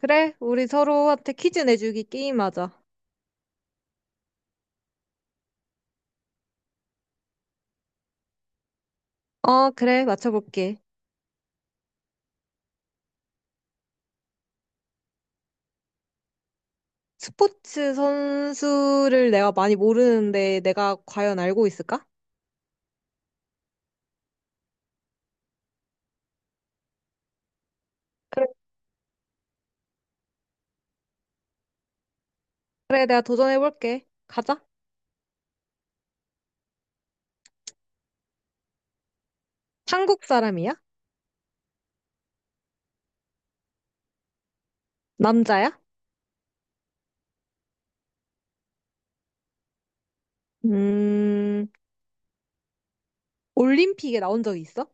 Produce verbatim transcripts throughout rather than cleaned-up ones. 그래, 우리 서로한테 퀴즈 내주기 게임하자. 어, 그래, 맞춰볼게. 스포츠 선수를 내가 많이 모르는데 내가 과연 알고 있을까? 그래, 내가 도전해볼게. 가자. 한국 사람이야? 남자야? 음, 올림픽에 나온 적이 있어?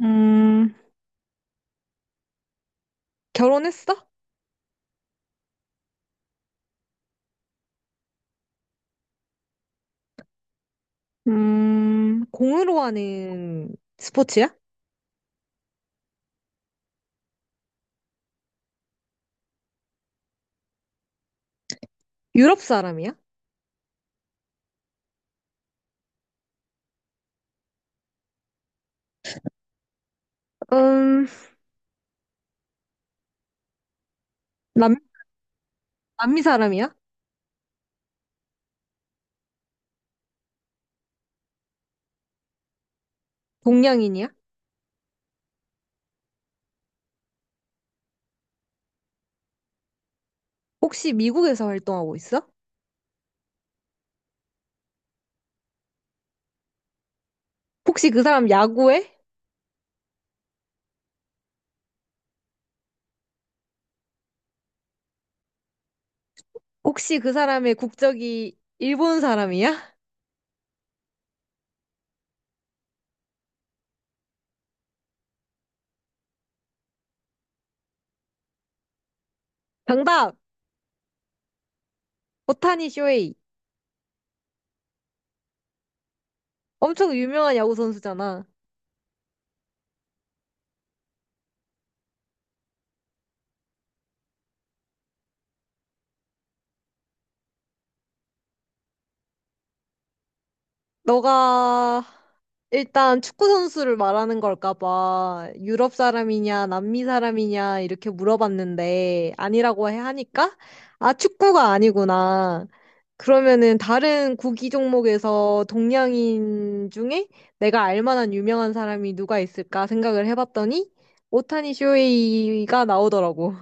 음, 결혼했어? 음, 공으로 하는 스포츠야? 유럽 사람이야? 음, 남, 남미 사람이야? 동양인이야? 혹시 미국에서 활동하고 있어? 혹시 그 사람 야구해? 혹시 그 사람의 국적이 일본 사람이야? 정답! 오타니 쇼헤이. 엄청 유명한 야구 선수잖아. 너가 일단 축구 선수를 말하는 걸까 봐 유럽 사람이냐 남미 사람이냐 이렇게 물어봤는데 아니라고 해 하니까 아 축구가 아니구나. 그러면은 다른 구기 종목에서 동양인 중에 내가 알 만한 유명한 사람이 누가 있을까 생각을 해봤더니 오타니 쇼헤이가 나오더라고.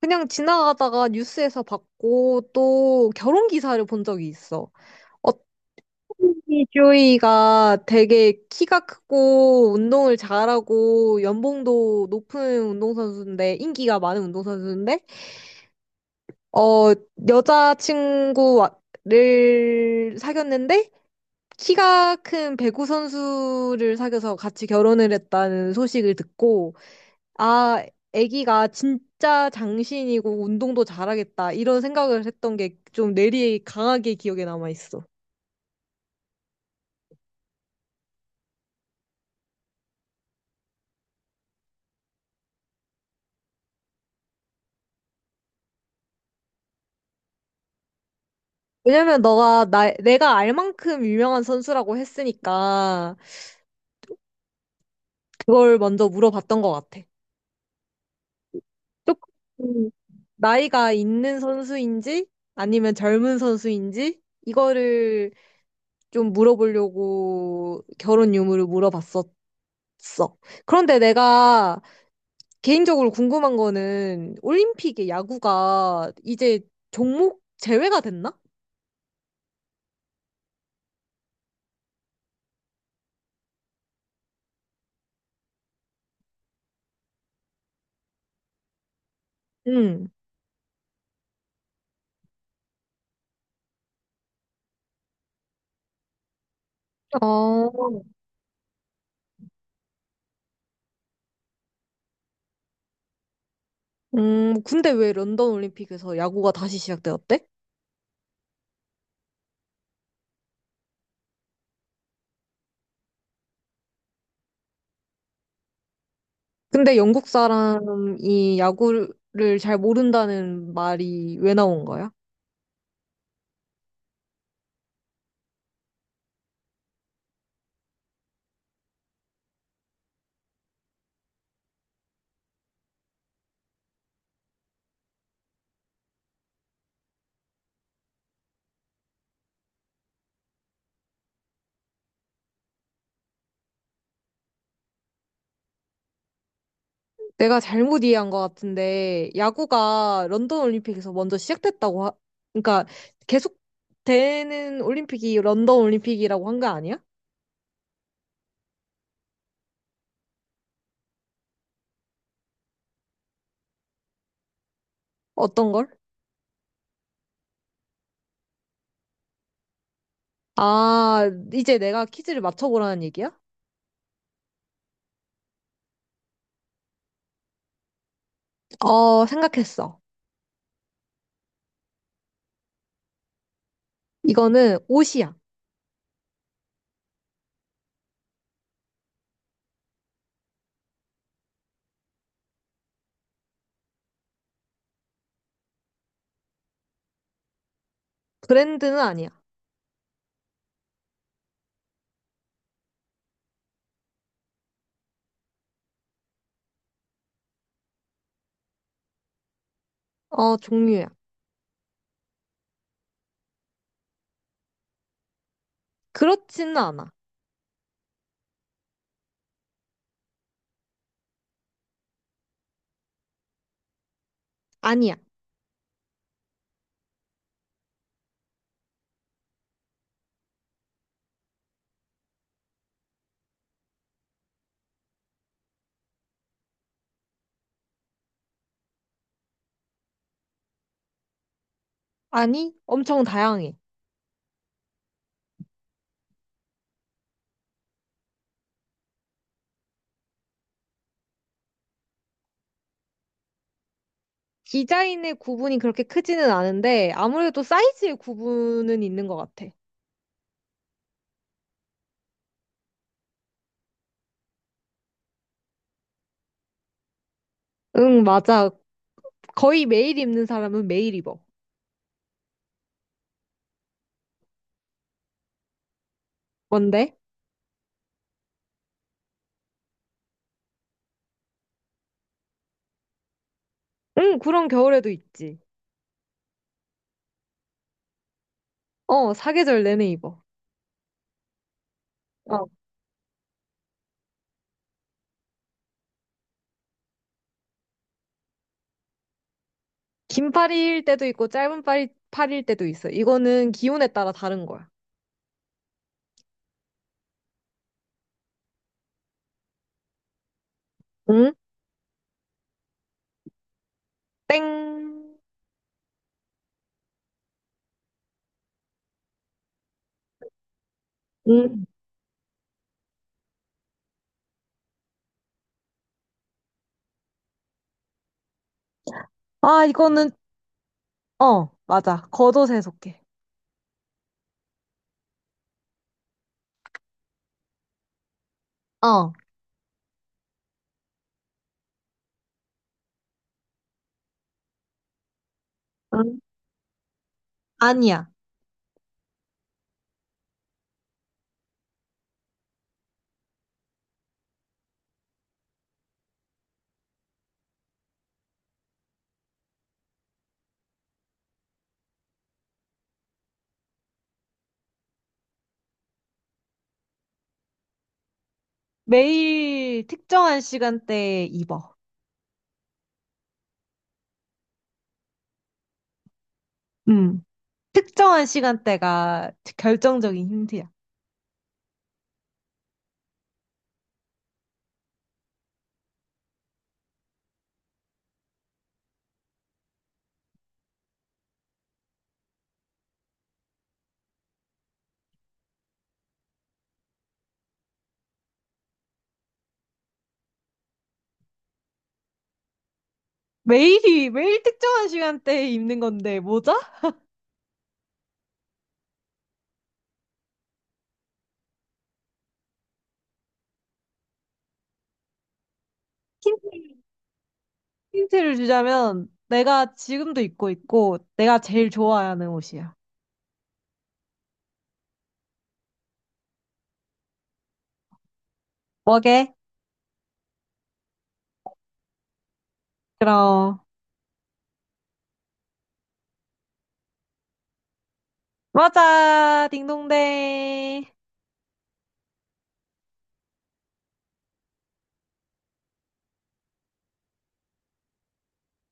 그냥 지나가다가 뉴스에서 봤고 또 결혼 기사를 본 적이 있어. 어떤 조이가 되게 키가 크고 운동을 잘하고 연봉도 높은 운동선수인데 인기가 많은 운동선수인데 어 여자친구를 사귀었는데 키가 큰 배구 선수를 사귀어서 같이 결혼을 했다는 소식을 듣고 아, 애기가 진짜 장신이고 운동도 잘하겠다. 이런 생각을 했던 게 좀 뇌리에 강하게 기억에 남아 있어. 왜냐면 너가 나, 내가 알 만큼 유명한 선수라고 했으니까 그걸 먼저 물어봤던 것 같아. 조금 나이가 있는 선수인지 아니면 젊은 선수인지 이거를 좀 물어보려고 결혼 유무를 물어봤었어. 그런데 내가 개인적으로 궁금한 거는 올림픽에 야구가 이제 종목 제외가 됐나? 응. 아... 음, 근데 왜 런던 올림픽에서 야구가 다시 시작되었대? 근데 영국 사람이 야구를 잘 모른다는 말이 왜 나온 거야? 내가 잘못 이해한 것 같은데 야구가 런던 올림픽에서 먼저 시작됐다고 하... 그러니까 계속 되는 올림픽이 런던 올림픽이라고 한 거 아니야? 어떤 걸? 아, 이제 내가 퀴즈를 맞춰보라는 얘기야? 어, 생각했어. 이거는 옷이야. 브랜드는 아니야. 어, 종류야. 그렇지는 않아. 아니야. 아니, 엄청 다양해. 디자인의 구분이 그렇게 크지는 않은데, 아무래도 사이즈의 구분은 있는 것 같아. 응, 맞아. 거의 매일 입는 사람은 매일 입어. 뭔데? 응, 그런 겨울에도 있지. 어, 사계절 내내 입어. 어. 긴 팔일 때도 있고, 짧은 팔- 팔일 때도 있어. 이거는 기온에 따라 다른 거야. 음, 땡. 응. 아, 이거는, 어, 맞아. 겉옷에 속해. 어, 응. 아니야. 매일 특정한 시간대에 입어. 음. 특정한 시간대가 결정적인 힌트야. 매일이, 매일 특정한 시간대에 입는 건데, 모자? 힌- 힌트를 주자면, 내가 지금도 입고 있고, 내가 제일 좋아하는 옷이야. 뭐게? 그럼, 맞아. 딩동댕.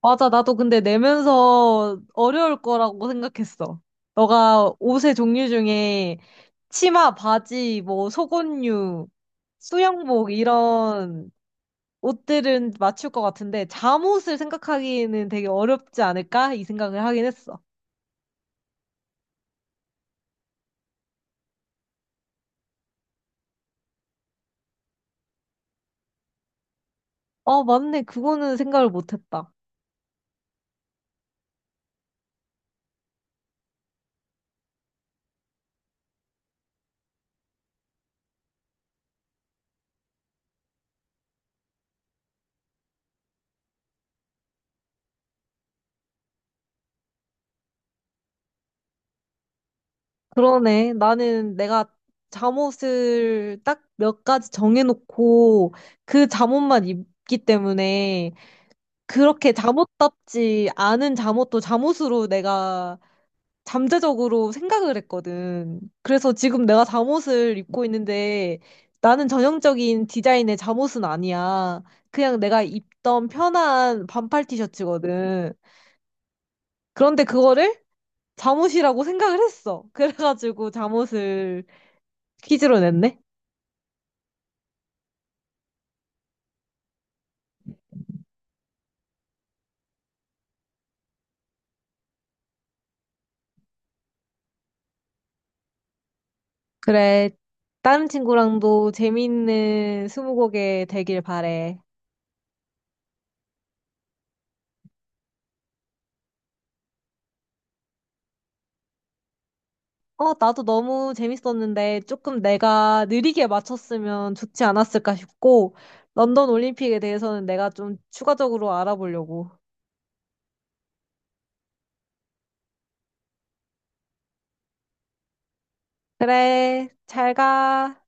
맞아, 나도 근데 내면서 어려울 거라고 생각했어. 너가 옷의 종류 중에 치마, 바지, 뭐 속옷류, 수영복 이런 옷들은 맞출 것 같은데 잠옷을 생각하기에는 되게 어렵지 않을까? 이 생각을 하긴 했어. 아, 맞네. 그거는 생각을 못했다. 그러네. 나는 내가 잠옷을 딱 몇 가지 정해놓고 그 잠옷만 입기 때문에 그렇게 잠옷답지 않은 잠옷도 잠옷으로 내가 잠재적으로 생각을 했거든. 그래서 지금 내가 잠옷을 입고 있는데 나는 전형적인 디자인의 잠옷은 아니야. 그냥 내가 입던 편한 반팔 티셔츠거든. 그런데 그거를 잠옷이라고 생각을 했어. 그래가지고 잠옷을 퀴즈로 냈네. 그래. 다른 친구랑도 재미있는 스무고개 되길 바래. 어, 나도 너무 재밌었는데 조금 내가 느리게 맞췄으면 좋지 않았을까 싶고, 런던 올림픽에 대해서는 내가 좀 추가적으로 알아보려고. 그래, 잘 가.